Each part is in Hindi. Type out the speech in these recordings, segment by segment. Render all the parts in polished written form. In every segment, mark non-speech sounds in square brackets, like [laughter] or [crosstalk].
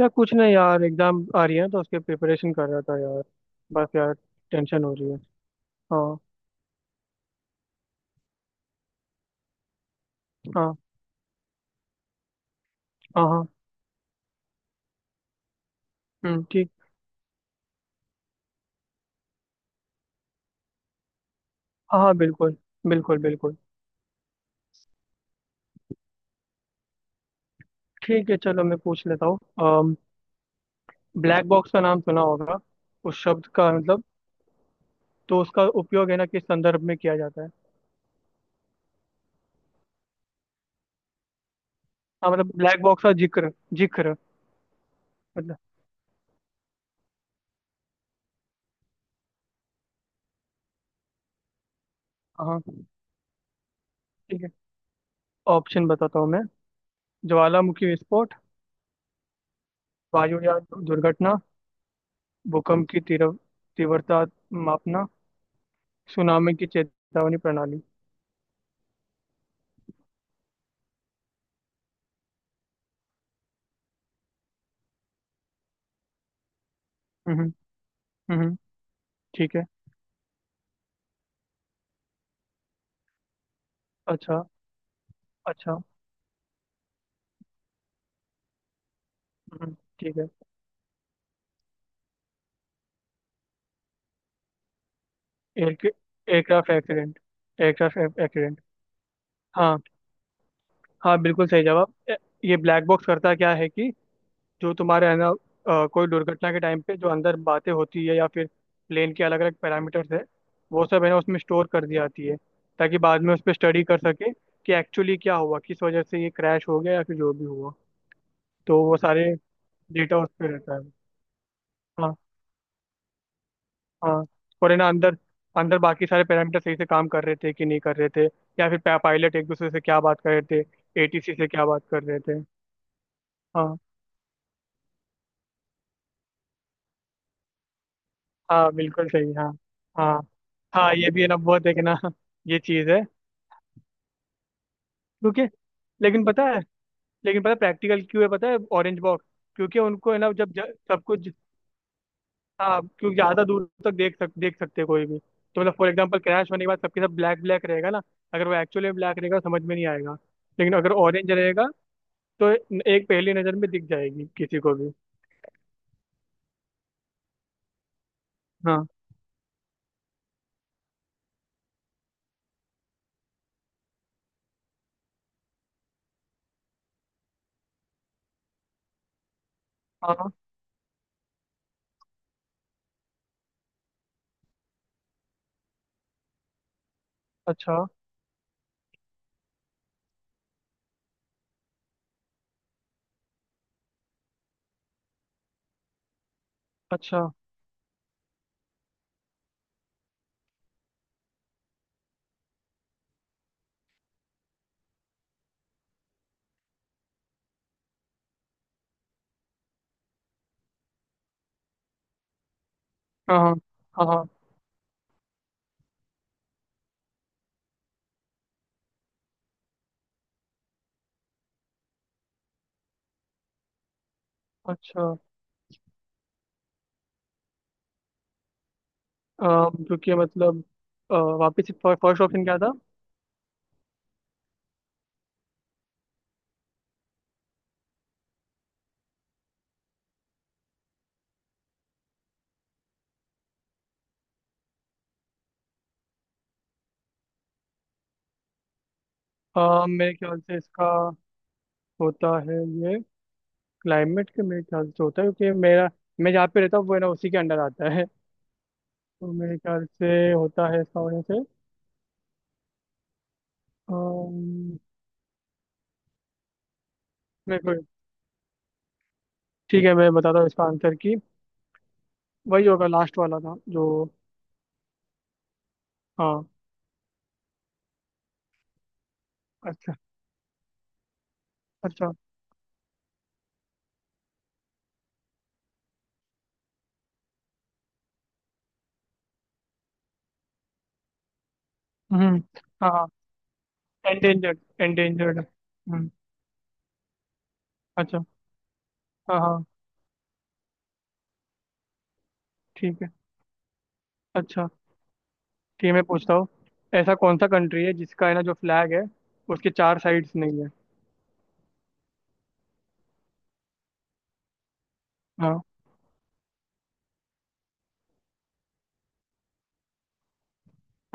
यार कुछ नहीं, यार एग्जाम आ रही है तो उसके प्रिपरेशन कर रहा था यार। बस यार, टेंशन हो रही है। हाँ। हाँ। हाँ। हाँ। हम्म, ठीक। हाँ हाँ, बिल्कुल। बिल्कुल बिल्कुल। ठीक है, चलो मैं पूछ लेता हूँ। ब्लैक बॉक्स का नाम सुना होगा, उस शब्द का मतलब तो उसका उपयोग है ना किस संदर्भ में किया जाता है। हाँ मतलब ब्लैक बॉक्स का जिक्र, जिक्र मतलब। हाँ, ठीक है। ऑप्शन बताता हूँ मैं। ज्वालामुखी विस्फोट, वायुयान दुर्घटना, भूकंप की तीव्र तीव्रता मापना, सुनामी की चेतावनी प्रणाली। हम्म। हम्म। ठीक है। अच्छा। अच्छा। हम्म। ठीक है। Aircraft accident. Aircraft accident. हाँ हाँ, बिल्कुल सही जवाब। ये ब्लैक बॉक्स करता क्या है कि जो तुम्हारे है ना कोई दुर्घटना के टाइम पे जो अंदर बातें होती है, या फिर प्लेन के अलग अलग पैरामीटर्स है, वो सब है ना उसमें स्टोर कर दी जाती है, ताकि बाद में उस पर स्टडी कर सके कि एक्चुअली क्या हुआ, किस वजह से ये क्रैश हो गया या फिर जो भी हुआ। तो वो सारे डेटा उस पर रहता है। हाँ। हाँ। और है ना अंदर अंदर बाकी सारे पैरामीटर सही से काम कर रहे थे कि नहीं कर रहे थे, या फिर पायलट एक दूसरे से क्या बात कर रहे थे, ATC से क्या बात कर रहे थे। हाँ हाँ, बिल्कुल सही। हाँ हाँ। हाँ, ये भी है ना, बहुत है कि ना, ये चीज़ है। क्योंकि लेकिन पता है लेकिन पता है प्रैक्टिकल क्यों है, पता है? ऑरेंज बॉक्स, क्योंकि उनको है ना जब सब कुछ। हाँ, क्योंकि ज़्यादा दूर तक देख सकते हैं कोई भी। तो मतलब फॉर एग्जाम्पल क्रैश होने के बाद सबके सब ब्लैक ब्लैक रहेगा ना, अगर वो एक्चुअली ब्लैक रहेगा समझ में नहीं आएगा। लेकिन अगर ऑरेंज रहेगा, तो एक पहली नजर में दिख जाएगी किसी को भी। हाँ हाँ। अच्छा। अच्छा। हाँ हाँ। हाँ हाँ। अच्छा। क्योंकि मतलब अ, वापस फर्स्ट ऑप्शन क्या था? मेरे ख्याल से इसका होता है ये, क्लाइमेट के मेरे ख्याल से होता है, क्योंकि मेरा, मैं जहाँ पे रहता हूँ वो है ना उसी के अंडर आता है। तो मेरे ख्याल से होता है इसका वजह से। अम, मेरे को ठीक है, मैं बताता हूँ इसका आंसर की वही होगा लास्ट वाला था जो। हाँ। अच्छा। अच्छा। हम्म। हाँ, एंडेंजर्ड एंडेंजर्ड। हम्म। अच्छा। हाँ हाँ। ठीक है। अच्छा, ठीक है मैं पूछता हूँ। ऐसा कौन सा कंट्री है जिसका है ना जो फ्लैग है, उसके चार साइड्स नहीं है। हाँ।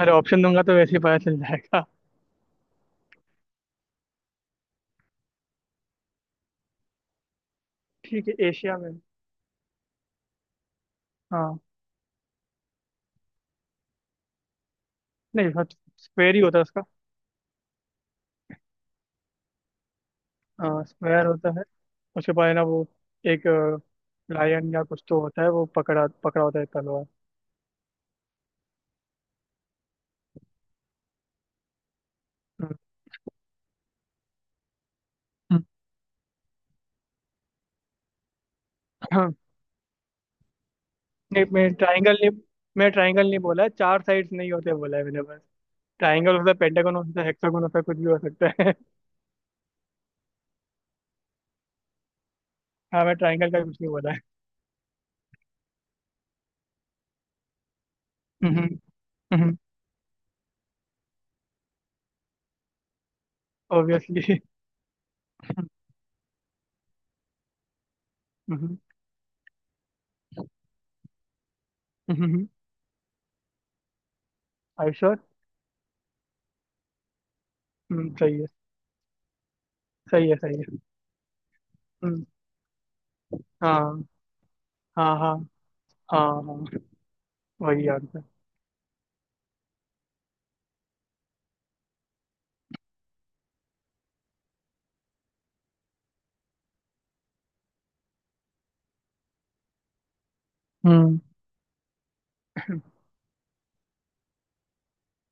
अरे ऑप्शन दूंगा तो वैसे ही पता चल जाएगा। ठीक है, एशिया में। हाँ। नहीं, स्क्वायर ही होता है उसका। हाँ स्क्वायर होता है। उसके बाद है ना वो एक लायन या कुछ तो होता है, वो पकड़ा पकड़ा होता है तलवार। हम्म। हम्म। हाँ। नहीं, मैं ट्रायंगल नहीं, मैं ट्रायंगल नहीं बोला है, चार साइड्स नहीं होते बोला है मैंने बस। ट्राइंगल हो सकता है, पेंटागन हो सकता है, हेक्सागन हो सकता है, कुछ भी हो सकता है [laughs] हाँ, मैं ट्राइंगल का कुछ नहीं बोला है। ऑब्वियसली। I sure. सही है, सही है, सही है। हम्म। हाँ हाँ। हाँ हाँ। हाँ। वही आंसर। हम्म।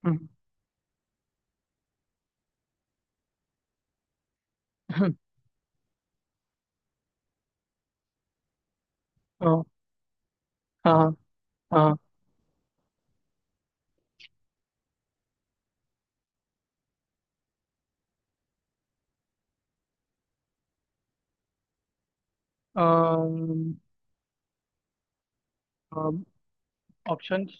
हम्म। हाँ हाँ। हाँ। ऑप्शंस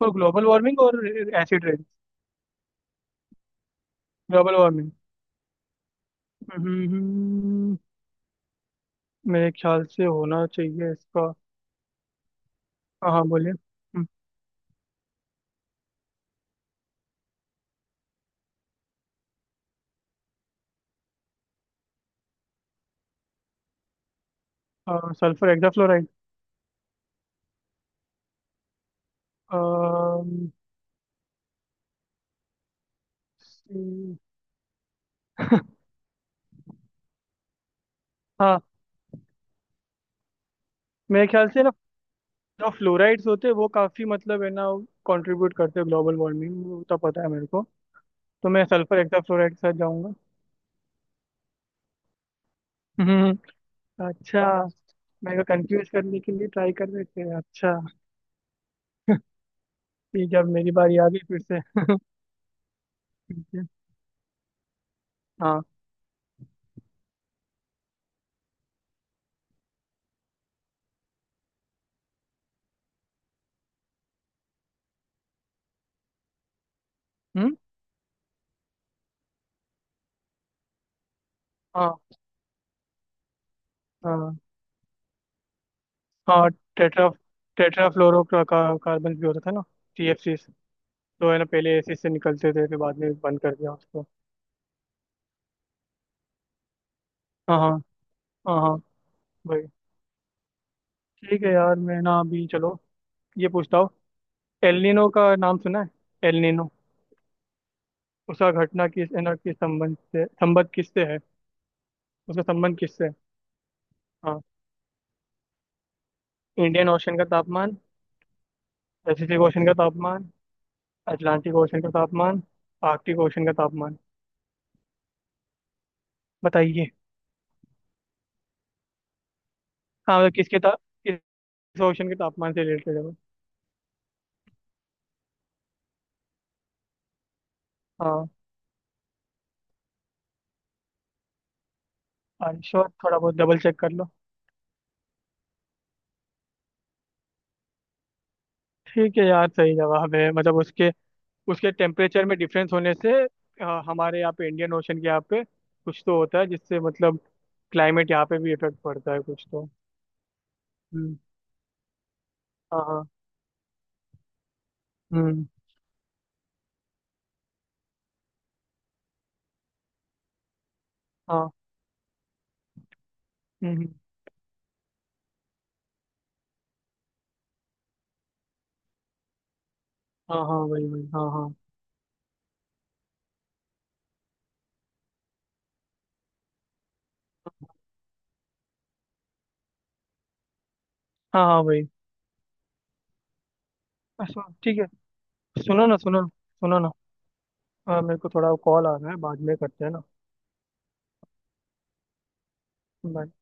फॉर ग्लोबल वार्मिंग और एसिड रेन? Global warming. हम्म, मेरे ख्याल से होना चाहिए इसका। हाँ हाँ बोलिए। Sulphur hexafluoride. अम्म, सी- [laughs] हाँ, मेरे ख्याल से ना जो फ्लोराइड्स होते हैं वो काफी मतलब है ना, कंट्रीब्यूट करते हैं ग्लोबल वार्मिंग, वो तो पता है मेरे को। तो मैं सल्फर हेक्साफ्लोराइड के साथ जाऊंगा। हम्म। अच्छा, मेरे को कंफ्यूज करने के लिए ट्राई कर रहे थे? अच्छा। ठीक है, अब मेरी बारी आ गई फिर से। ठीक है। हाँ। हम्म। हाँ हाँ। हाँ। टेट्रा टेट्राफ्लोरो कार्बन भी होता था ना। TFC। तो है ना, पहले एसिड से निकलते थे फिर बाद में बंद कर दिया उसको। हाँ हाँ। हाँ हाँ। वही। ठीक है यार, मैं ना अभी चलो ये पूछता हूँ। एलिनो का नाम सुना है? एलिनो उसका घटना किस है ना किस संबंध से, संबंध किससे है? उसका संबंध किससे है? हाँ। इंडियन ओशन का तापमान, पैसिफिक ओशन का तापमान, अटलांटिक ओशन का तापमान, आर्कटिक ओशन का तापमान। बताइए। हाँ मतलब किस ओशन के तापमान से रिलेटेड है वो। हाँ। आई श्योर, थोड़ा बहुत डबल चेक कर लो। ठीक है यार सही जवाब है मतलब उसके, उसके टेम्परेचर में डिफरेंस होने से हमारे यहाँ पे इंडियन ओशन के यहाँ पे कुछ तो होता है, जिससे मतलब क्लाइमेट यहाँ पे भी इफेक्ट पड़ता है कुछ तो। हम्म। हाँ हाँ। हम्म। हाँ। हम्म। हाँ हाँ। वही वही, हाँ हाँ। हाँ हाँ। वही। अच्छा, ठीक है। सुनो ना, सुनो सुनो ना, मेरे को थोड़ा कॉल आ रहा है, बाद में करते हैं ना। Bye।